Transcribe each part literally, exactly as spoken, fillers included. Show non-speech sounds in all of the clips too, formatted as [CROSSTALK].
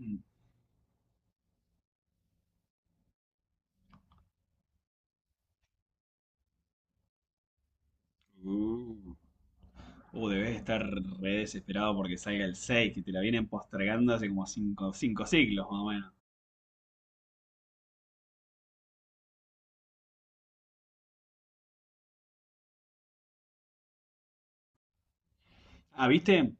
Mm. Uh. Uh, debes estar re desesperado porque salga el seis que te la vienen postergando hace como cinco, cinco siglos más o menos. Ah, ¿viste?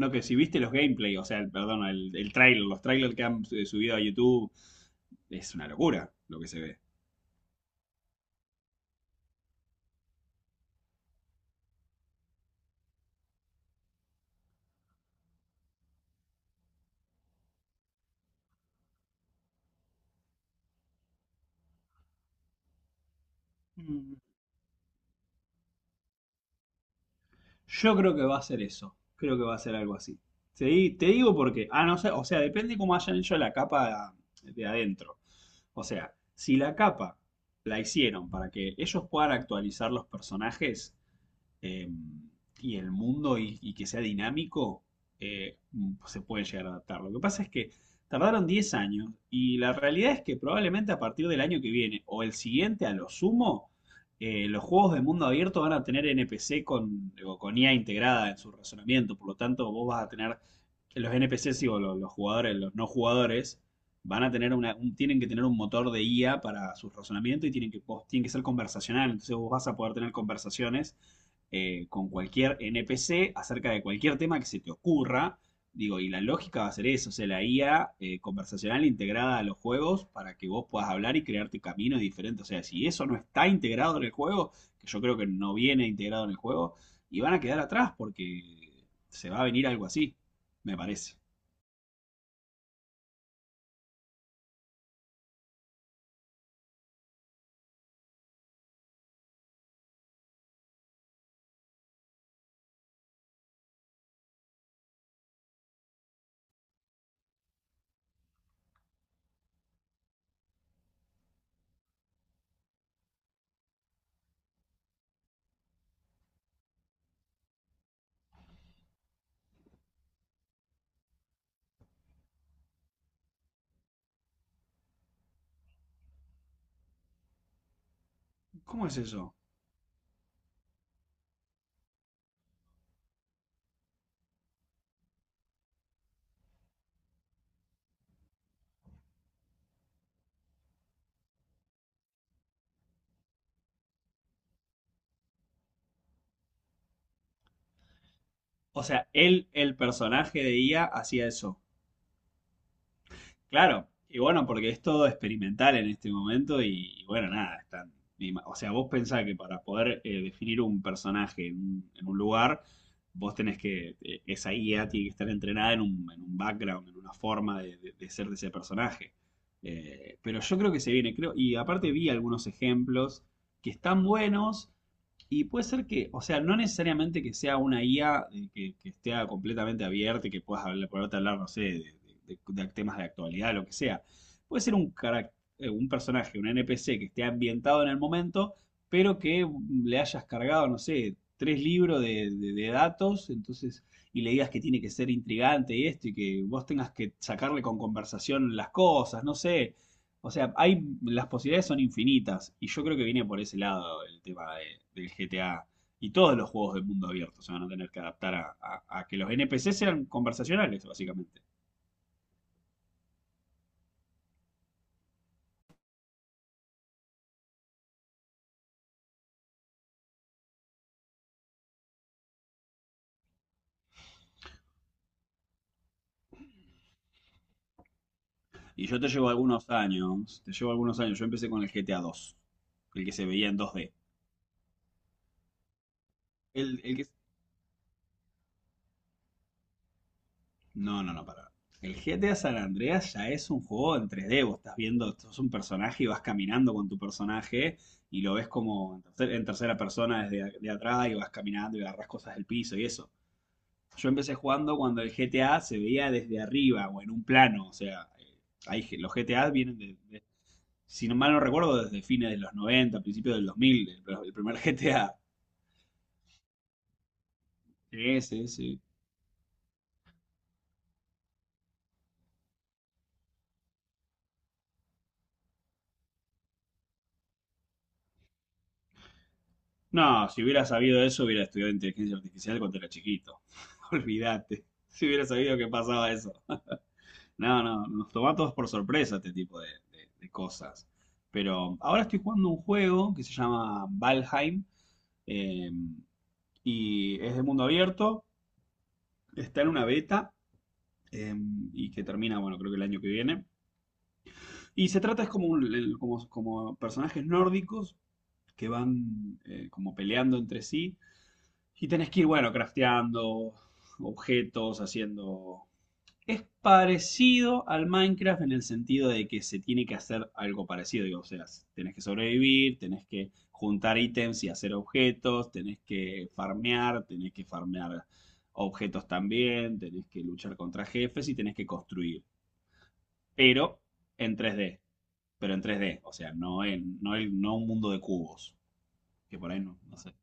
No, que si viste los gameplay, o sea, el, perdón, el, el trailer, los trailers que han eh, subido a YouTube, es una locura lo que se ve. Mm. Yo creo que va a ser eso. Creo que va a ser algo así. Te, di- te digo porque, ah, no sé, o sea, depende cómo hayan hecho la capa de adentro. O sea, si la capa la hicieron para que ellos puedan actualizar los personajes, eh, y el mundo y, y que sea dinámico, eh, se pueden llegar a adaptar. Lo que pasa es que tardaron diez años y la realidad es que probablemente a partir del año que viene o el siguiente a lo sumo, eh, los juegos de mundo abierto van a tener N P C con, digo, con I A integrada en su razonamiento, por lo tanto vos vas a tener los N P Cs, digo, los, los jugadores, los no jugadores, van a tener una, un- tienen que tener un motor de I A para su razonamiento y tienen que, vos- tienen que ser conversacional. Entonces vos vas a poder tener conversaciones eh, con cualquier N P C acerca de cualquier tema que se te ocurra. Digo, y la lógica va a ser eso, o sea, la I A eh, conversacional integrada a los juegos para que vos puedas hablar y crearte caminos diferentes. O sea, si eso no está integrado en el juego, que yo creo que no viene integrado en el juego, y van a quedar atrás porque se va a venir algo así me parece. ¿Cómo es eso? O sea, él, el personaje de I A, hacía eso. Claro, y bueno, porque es todo experimental en este momento y, y bueno, nada, están... y o sea, vos pensás que para poder eh, definir un personaje en un, en un lugar, vos tenés que, eh, esa I A tiene que estar entrenada en un, en un background, en una forma de, de- de ser de ese personaje. Eh, pero yo creo que se viene, creo, y aparte vi algunos ejemplos que están buenos. Y puede ser que, o sea, no necesariamente que sea una I A eh, que, que esté completamente abierta y que puedas hablar, poderte hablar, no sé, de, de- de temas de actualidad, lo que sea. Puede ser un, carac- eh, un personaje, un N P C que esté ambientado en el momento, pero que mm, le hayas cargado, no sé, tres libros de, de- de datos, entonces, y le digas que tiene que ser intrigante y esto, y que vos tengas que sacarle con conversación las cosas, no sé. O sea, hay, las posibilidades son infinitas y yo creo que viene por ese lado el tema de- del G T A y todos los juegos del mundo abierto se van a tener que adaptar a, a- a que los N P C sean conversacionales, básicamente. Y yo te llevo algunos años, te llevo algunos años, yo empecé con el G T A dos, el que se veía en dos D. El, el que No, no, no, para. El G T A San Andreas ya es un juego en tres D. Vos estás viendo, sos un personaje y vas caminando con tu personaje y lo ves como en, tercer- en tercera persona desde a- de atrás y vas caminando y agarras cosas del piso y eso. Yo empecé jugando cuando el G T A se veía desde arriba o en un plano. O sea, eh, hay ge- los G T A vienen de, de- si no mal no recuerdo, desde fines de los noventa, principios del dos mil, el, el primer G T A. Ese, ese. No, si hubiera sabido eso, hubiera estudiado inteligencia artificial cuando era chiquito. [LAUGHS] Olvídate. Si hubiera sabido que pasaba eso. No, no, nos toma a todos por sorpresa este tipo de, de- de cosas. Pero ahora estoy jugando un juego que se llama Valheim, eh, y es de mundo abierto. Está en una beta eh, y que termina, bueno, creo que el año que viene. Y se trata es como, un- el- como, como personajes nórdicos que van eh, como peleando entre sí. Y tenés que ir, bueno, crafteando objetos, haciendo... Es parecido al Minecraft en el sentido de que se tiene que hacer algo parecido. Digo, o sea, tenés que sobrevivir, tenés que juntar ítems y hacer objetos, tenés que farmear, tenés que farmear objetos también, tenés que luchar contra jefes y tenés que construir. Pero en tres D, pero en tres D, o sea, no en, no en- no un mundo de cubos, que por ahí no, no sé.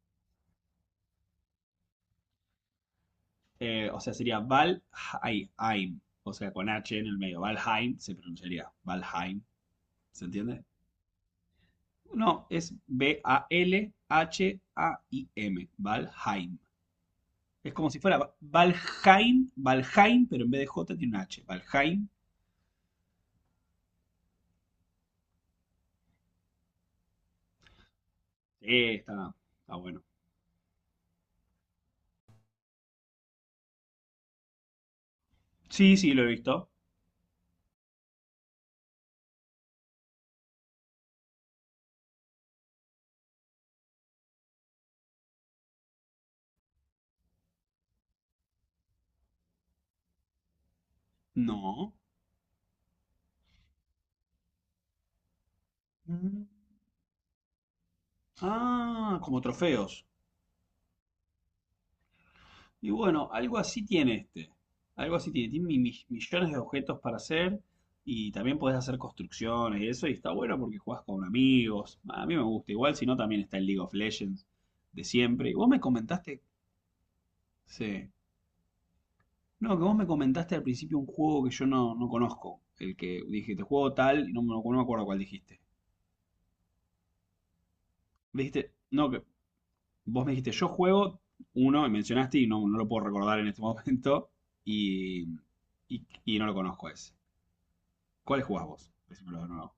Eh, o sea, sería Valheim. O sea, con H en el medio. Valheim se pronunciaría Valheim. ¿Se entiende? No, es B-A-L-H-A-I-M. Valheim. Es como si fuera Valheim, Valheim, pero en vez de J tiene un H. Valheim. Eh, está, está bueno. Sí, sí, lo he visto. No. Mm. Ah, como trofeos. Y bueno, algo así tiene este. Algo así tiene. Tiene mi- mi- millones de objetos para hacer y también podés hacer construcciones y eso. Y está bueno porque jugás con amigos. A mí me gusta. Igual si no, también está el League of Legends de siempre. Y vos me comentaste, sí. No, que vos me comentaste al principio un juego que yo no, no conozco. El que dijiste, juego tal, y no, me- no me acuerdo cuál dijiste. Me dijiste, no, que vos me dijiste, yo juego uno, y mencionaste, y no, no lo puedo recordar en este [LAUGHS] momento, y, y, y no lo conozco ese. ¿Cuál jugás vos? Decímelo de nuevo.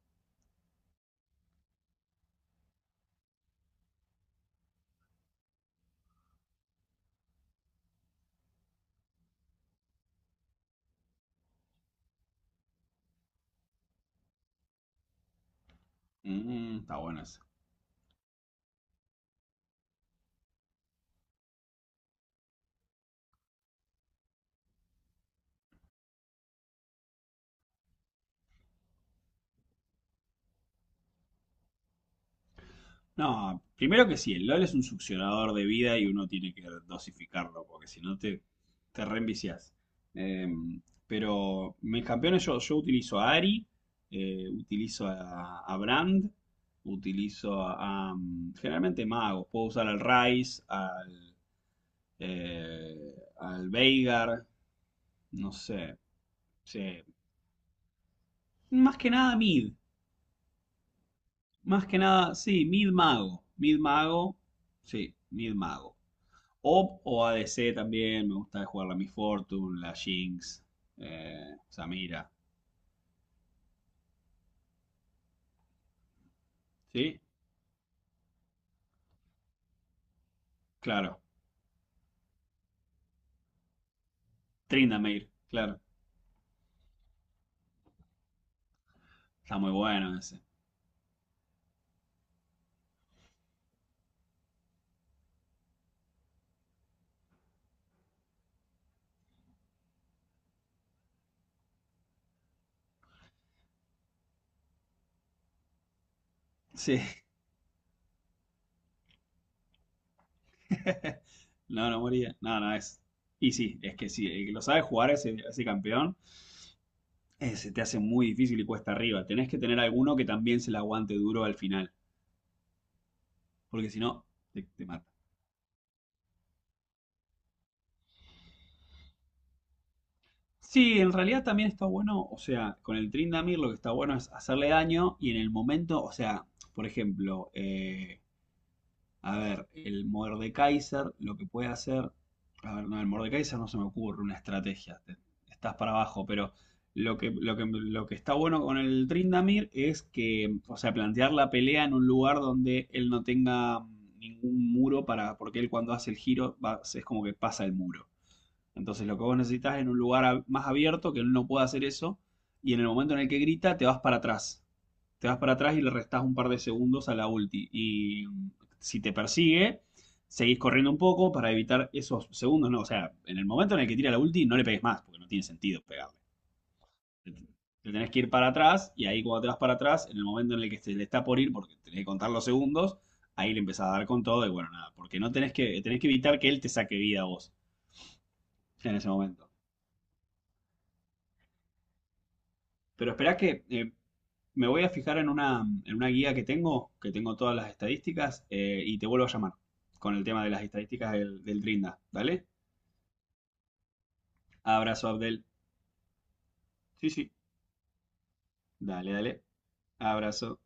Mm, está bueno eso. No, primero que sí, el LOL es un succionador de vida y uno tiene que dosificarlo, porque si no te, te reenviciás. Eh, pero mis campeones, yo, yo utilizo a Ari, eh, utilizo a, a Brand, utilizo a, a, mm, generalmente magos. Puedo usar al Rice, al, eh, al Veigar, no sé. Sí. Más que nada mid. Más que nada, sí, mid mago. Mid mago, sí, mid mago. O, o A D C también, me gusta jugar la Miss Fortune, la Jinx, eh, Samira. Sí, claro. Tryndamere, claro. Está muy bueno ese. Sí. [LAUGHS] No, no moría. No, no es. Y sí, es que sí, el que lo sabe jugar ese, ese campeón, eh, se te hace muy difícil y cuesta arriba. Tenés que tener alguno que también se la aguante duro al final, porque si no, te, te mata. Sí, en realidad también está bueno, o sea, con el Trindamir lo que está bueno es hacerle daño y en el momento, o sea, por ejemplo, eh, a ver, el Mordekaiser lo que puede hacer, a ver, no, el Mordekaiser no se me ocurre una estrategia, te- estás para abajo, pero lo que, lo que, lo que está bueno con el Trindamir es que, o sea, plantear la pelea en un lugar donde él no tenga ningún muro para, porque él cuando hace el giro va- es como que pasa el muro. Entonces lo que vos necesitas es en un lugar ab- más abierto que él no pueda hacer eso y en el momento en el que grita te vas para atrás. Te vas para atrás y le restás un par de segundos a la ulti. Y mm, si te persigue, seguís corriendo un poco para evitar esos segundos. No, o sea, en el momento en el que tira la ulti no le pegues más porque no tiene sentido pegarle. Te te tenés que ir para atrás y ahí cuando te vas para atrás, en el momento en el que se le está por ir porque tenés que contar los segundos, ahí le empezás a dar con todo y bueno, nada, porque no tenés que, tenés que evitar que él te saque vida a vos en ese momento. Pero espera que eh, me voy a fijar en una, en una guía que tengo, que tengo todas las estadísticas, eh, y te vuelvo a llamar con el tema de las estadísticas del, del Drinda. ¿Dale? Abrazo, Abdel. Sí, sí. Dale, dale. Abrazo.